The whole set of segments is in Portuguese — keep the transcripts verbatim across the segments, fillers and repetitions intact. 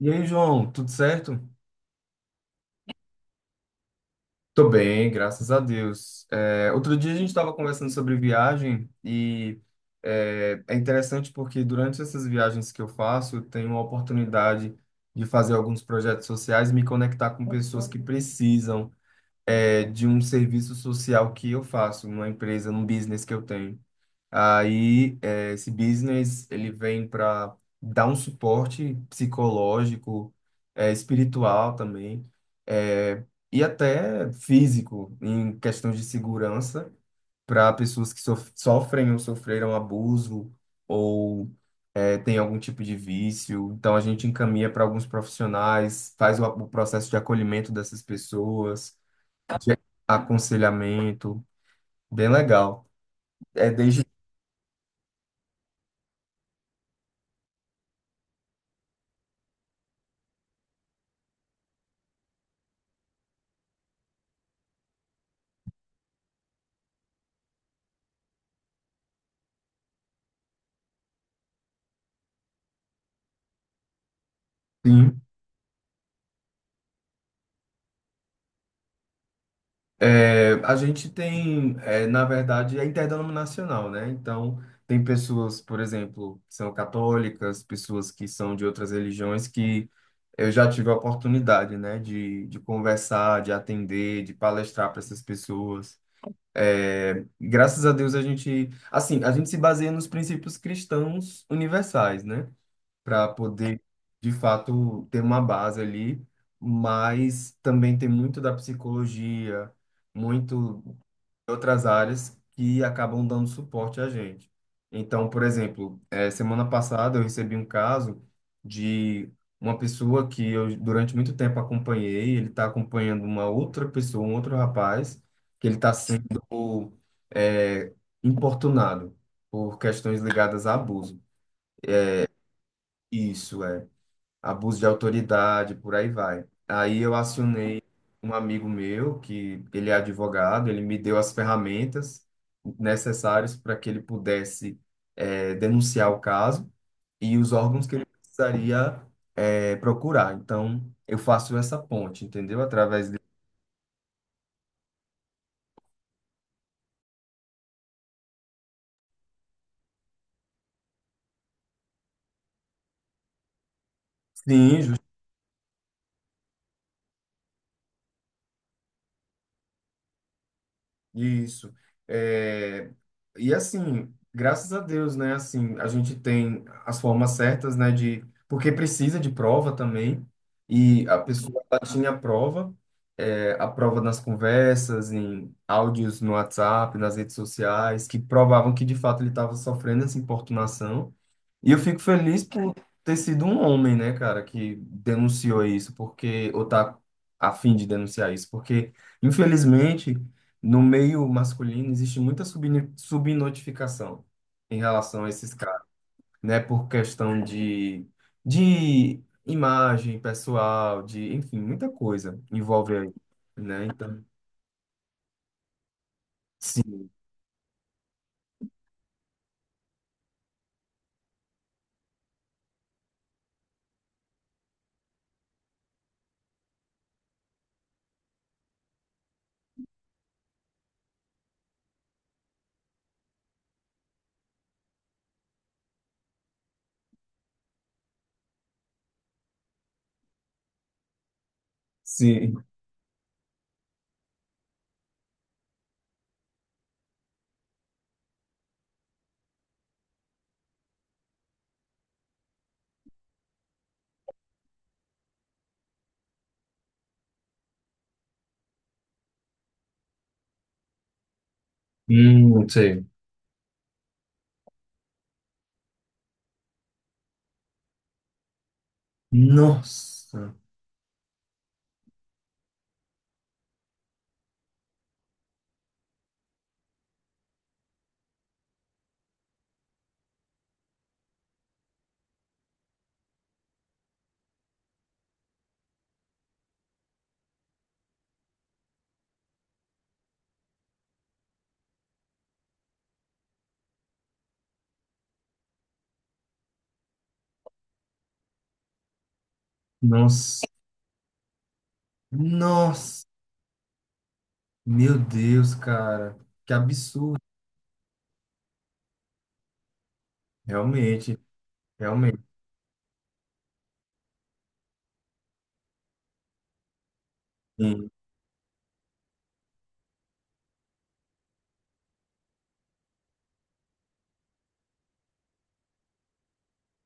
E aí, João, tudo certo? Tô bem, graças a Deus. É, outro dia a gente estava conversando sobre viagem e é, é interessante porque durante essas viagens que eu faço, eu tenho a oportunidade de fazer alguns projetos sociais e me conectar com pessoas que precisam. É, de um serviço social que eu faço, numa empresa, num business que eu tenho. Aí, eh, esse business, ele vem para dar um suporte psicológico, eh, espiritual também, eh, e até físico, em questões de segurança, para pessoas que sof- sofrem ou sofreram abuso ou eh, têm algum tipo de vício. Então, a gente encaminha para alguns profissionais, faz o, o processo de acolhimento dessas pessoas, aconselhamento, bem legal. É desde. Sim. É, a gente tem, é, na verdade, é interdenominacional, né? Então, tem pessoas, por exemplo, que são católicas, pessoas que são de outras religiões que eu já tive a oportunidade, né, de, de conversar, de atender, de palestrar para essas pessoas. É, graças a Deus a gente, assim, a gente se baseia nos princípios cristãos universais, né? Para poder, de fato, ter uma base ali, mas também tem muito da psicologia, muito de outras áreas que acabam dando suporte a gente. Então, por exemplo, eh, semana passada eu recebi um caso de uma pessoa que eu durante muito tempo acompanhei, ele está acompanhando uma outra pessoa, um outro rapaz, que ele está sendo eh, importunado por questões ligadas a abuso. Isso, é abuso de autoridade, por aí vai. Aí eu acionei um amigo meu, que ele é advogado, ele me deu as ferramentas necessárias para que ele pudesse eh, denunciar o caso e os órgãos que ele precisaria eh, procurar. Então, eu faço essa ponte, entendeu? Através de... Sim. Isso. É, e assim, graças a Deus, né? Assim, a gente tem as formas certas, né? De, porque precisa de prova também. E a pessoa ela tinha a prova, é, a prova nas conversas, em áudios no WhatsApp, nas redes sociais, que provavam que de fato ele estava sofrendo essa importunação. E eu fico feliz por ter sido um homem, né, cara, que denunciou isso, porque, ou tá a fim de denunciar isso, porque, infelizmente, no meio masculino existe muita subni- subnotificação em relação a esses caras, né, por questão de, de imagem pessoal, de, enfim, muita coisa envolve aí, né, então, sim, sim, hum, sei. Nossa, nossa, nossa. Meu Deus, cara, que absurdo. Realmente, realmente. Sim,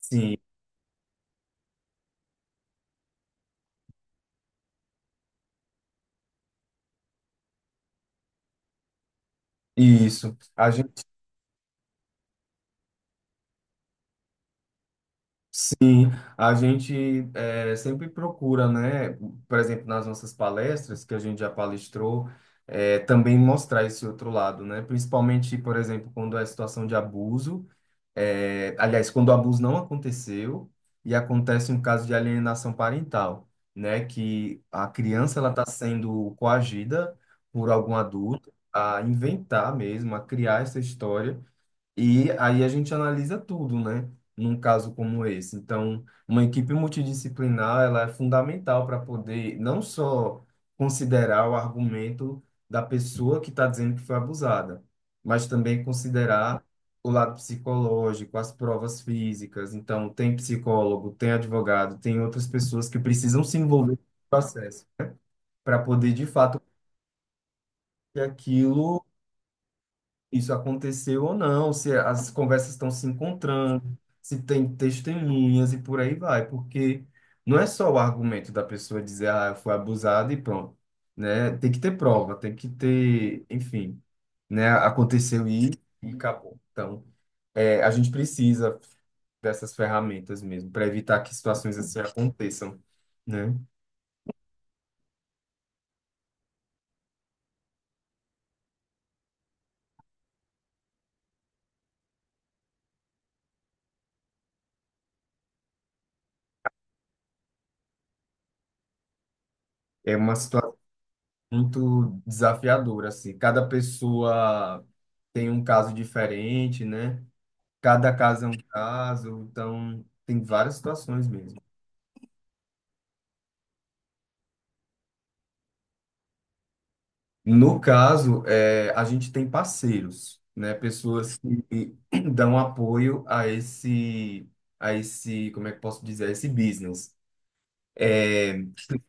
sim, isso. A gente, sim, a gente é, sempre procura, né? Por exemplo, nas nossas palestras, que a gente já palestrou, é, também mostrar esse outro lado, né? Principalmente, por exemplo, quando é situação de abuso. É, aliás, quando o abuso não aconteceu e acontece um caso de alienação parental, né, que a criança ela está sendo coagida por algum adulto a inventar mesmo, a criar essa história e aí a gente analisa tudo, né? Num caso como esse. Então, uma equipe multidisciplinar, ela é fundamental para poder não só considerar o argumento da pessoa que está dizendo que foi abusada, mas também considerar o lado psicológico, as provas físicas. Então, tem psicólogo, tem advogado, tem outras pessoas que precisam se envolver no processo para poder, de fato, que aquilo isso aconteceu ou não, se as conversas estão se encontrando, se tem testemunhas e por aí vai, porque não é só o argumento da pessoa dizer, ah, eu fui abusada e pronto, né? Tem que ter prova, tem que ter, enfim, né? Aconteceu e, e acabou. Então, é, a gente precisa dessas ferramentas mesmo para evitar que situações assim aconteçam, né? É uma situação muito desafiadora, assim. Cada pessoa tem um caso diferente, né? Cada caso é um caso, então tem várias situações mesmo. No caso, é, a gente tem parceiros, né? Pessoas que dão apoio a esse, a esse, como é que posso dizer, a esse business. É,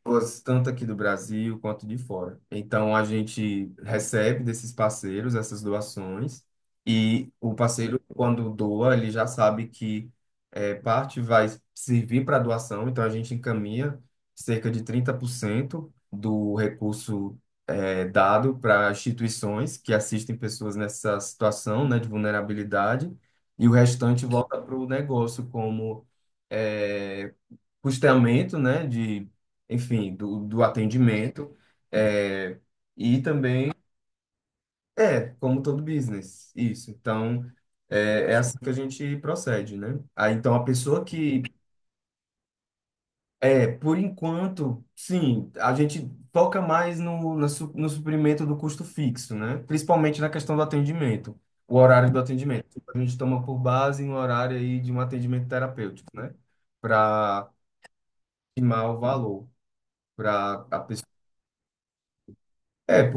pessoas, tanto aqui do Brasil quanto de fora. Então, a gente recebe desses parceiros essas doações e o parceiro, quando doa, ele já sabe que eh, parte vai servir para doação, então a gente encaminha cerca de trinta por cento do recurso eh, dado para instituições que assistem pessoas nessa situação, né, de vulnerabilidade, e o restante volta para o negócio como é, custeamento, né, de, enfim, do, do atendimento, é, e também, é, como todo business, isso. Então, é, é assim que a gente procede, né? Aí, então, a pessoa que, é, por enquanto, sim, a gente foca mais no, na su- no, suprimento do custo fixo, né? Principalmente na questão do atendimento, o horário do atendimento. Tipo, a gente toma por base um horário aí de um atendimento terapêutico, né? Para estimar o valor para a pessoa. É,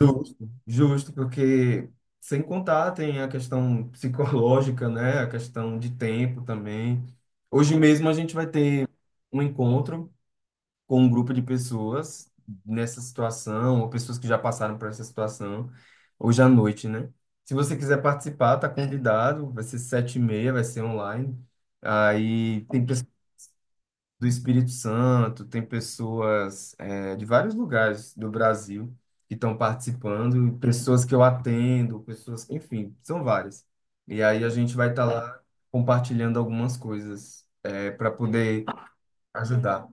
justo, justo, porque sem contar tem a questão psicológica, né? A questão de tempo também. Hoje mesmo a gente vai ter um encontro com um grupo de pessoas nessa situação, ou pessoas que já passaram por essa situação, hoje à noite, né? Se você quiser participar, tá convidado, vai ser sete e meia, vai ser online. Aí tem pessoas do Espírito Santo, tem pessoas é, de vários lugares do Brasil que estão participando, e pessoas que eu atendo, pessoas, enfim, são várias. E aí a gente vai estar lá compartilhando algumas coisas é, para poder ajudar.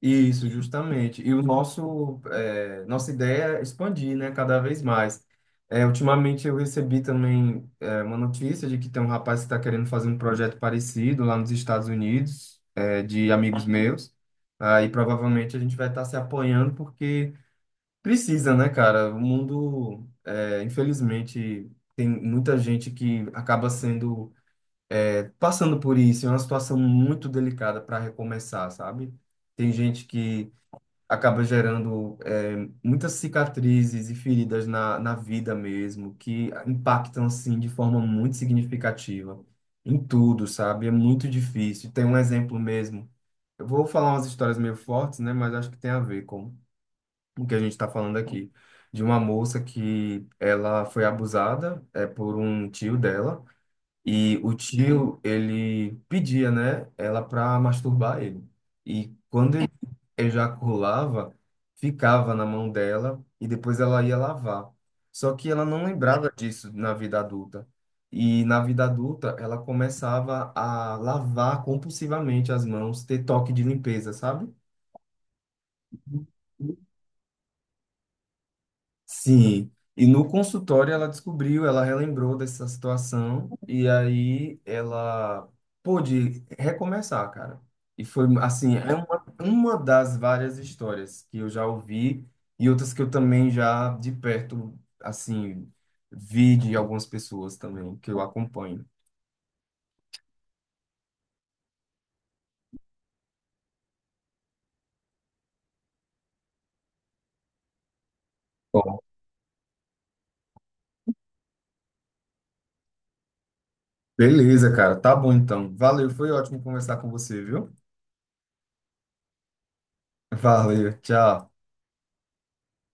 Isso, justamente. E o nosso, eh, nossa ideia é expandir, né, cada vez mais. Eh, ultimamente eu recebi também, eh, uma notícia de que tem um rapaz que está querendo fazer um projeto parecido lá nos Estados Unidos, eh, de amigos meus. Aí provavelmente a gente vai estar se apoiando porque precisa, né, cara? O mundo, eh, infelizmente, tem muita gente que acaba sendo, eh, passando por isso. É uma situação muito delicada para recomeçar, sabe? Tem gente que acaba gerando eh, muitas cicatrizes e feridas na, na vida mesmo, que impactam assim de forma muito significativa em tudo, sabe? É muito difícil. Tem um exemplo mesmo. Eu vou falar umas histórias meio fortes, né? Mas acho que tem a ver com o que a gente está falando aqui. De uma moça que ela foi abusada eh, por um tio dela. E o tio, ele pedia, né, ela pra masturbar ele. E quando ele ejaculava, ficava na mão dela e depois ela ia lavar. Só que ela não lembrava disso na vida adulta. E na vida adulta, ela começava a lavar compulsivamente as mãos, ter toque de limpeza, sabe? Sim, e no consultório ela descobriu, ela relembrou dessa situação e aí ela pôde recomeçar, cara. E foi assim, é uma, uma das várias histórias que eu já ouvi e outras que eu também já de perto, assim, vi de algumas pessoas também que eu acompanho. Bom, beleza, cara, tá bom então. Valeu, foi ótimo conversar com você, viu? Valeu, tchau.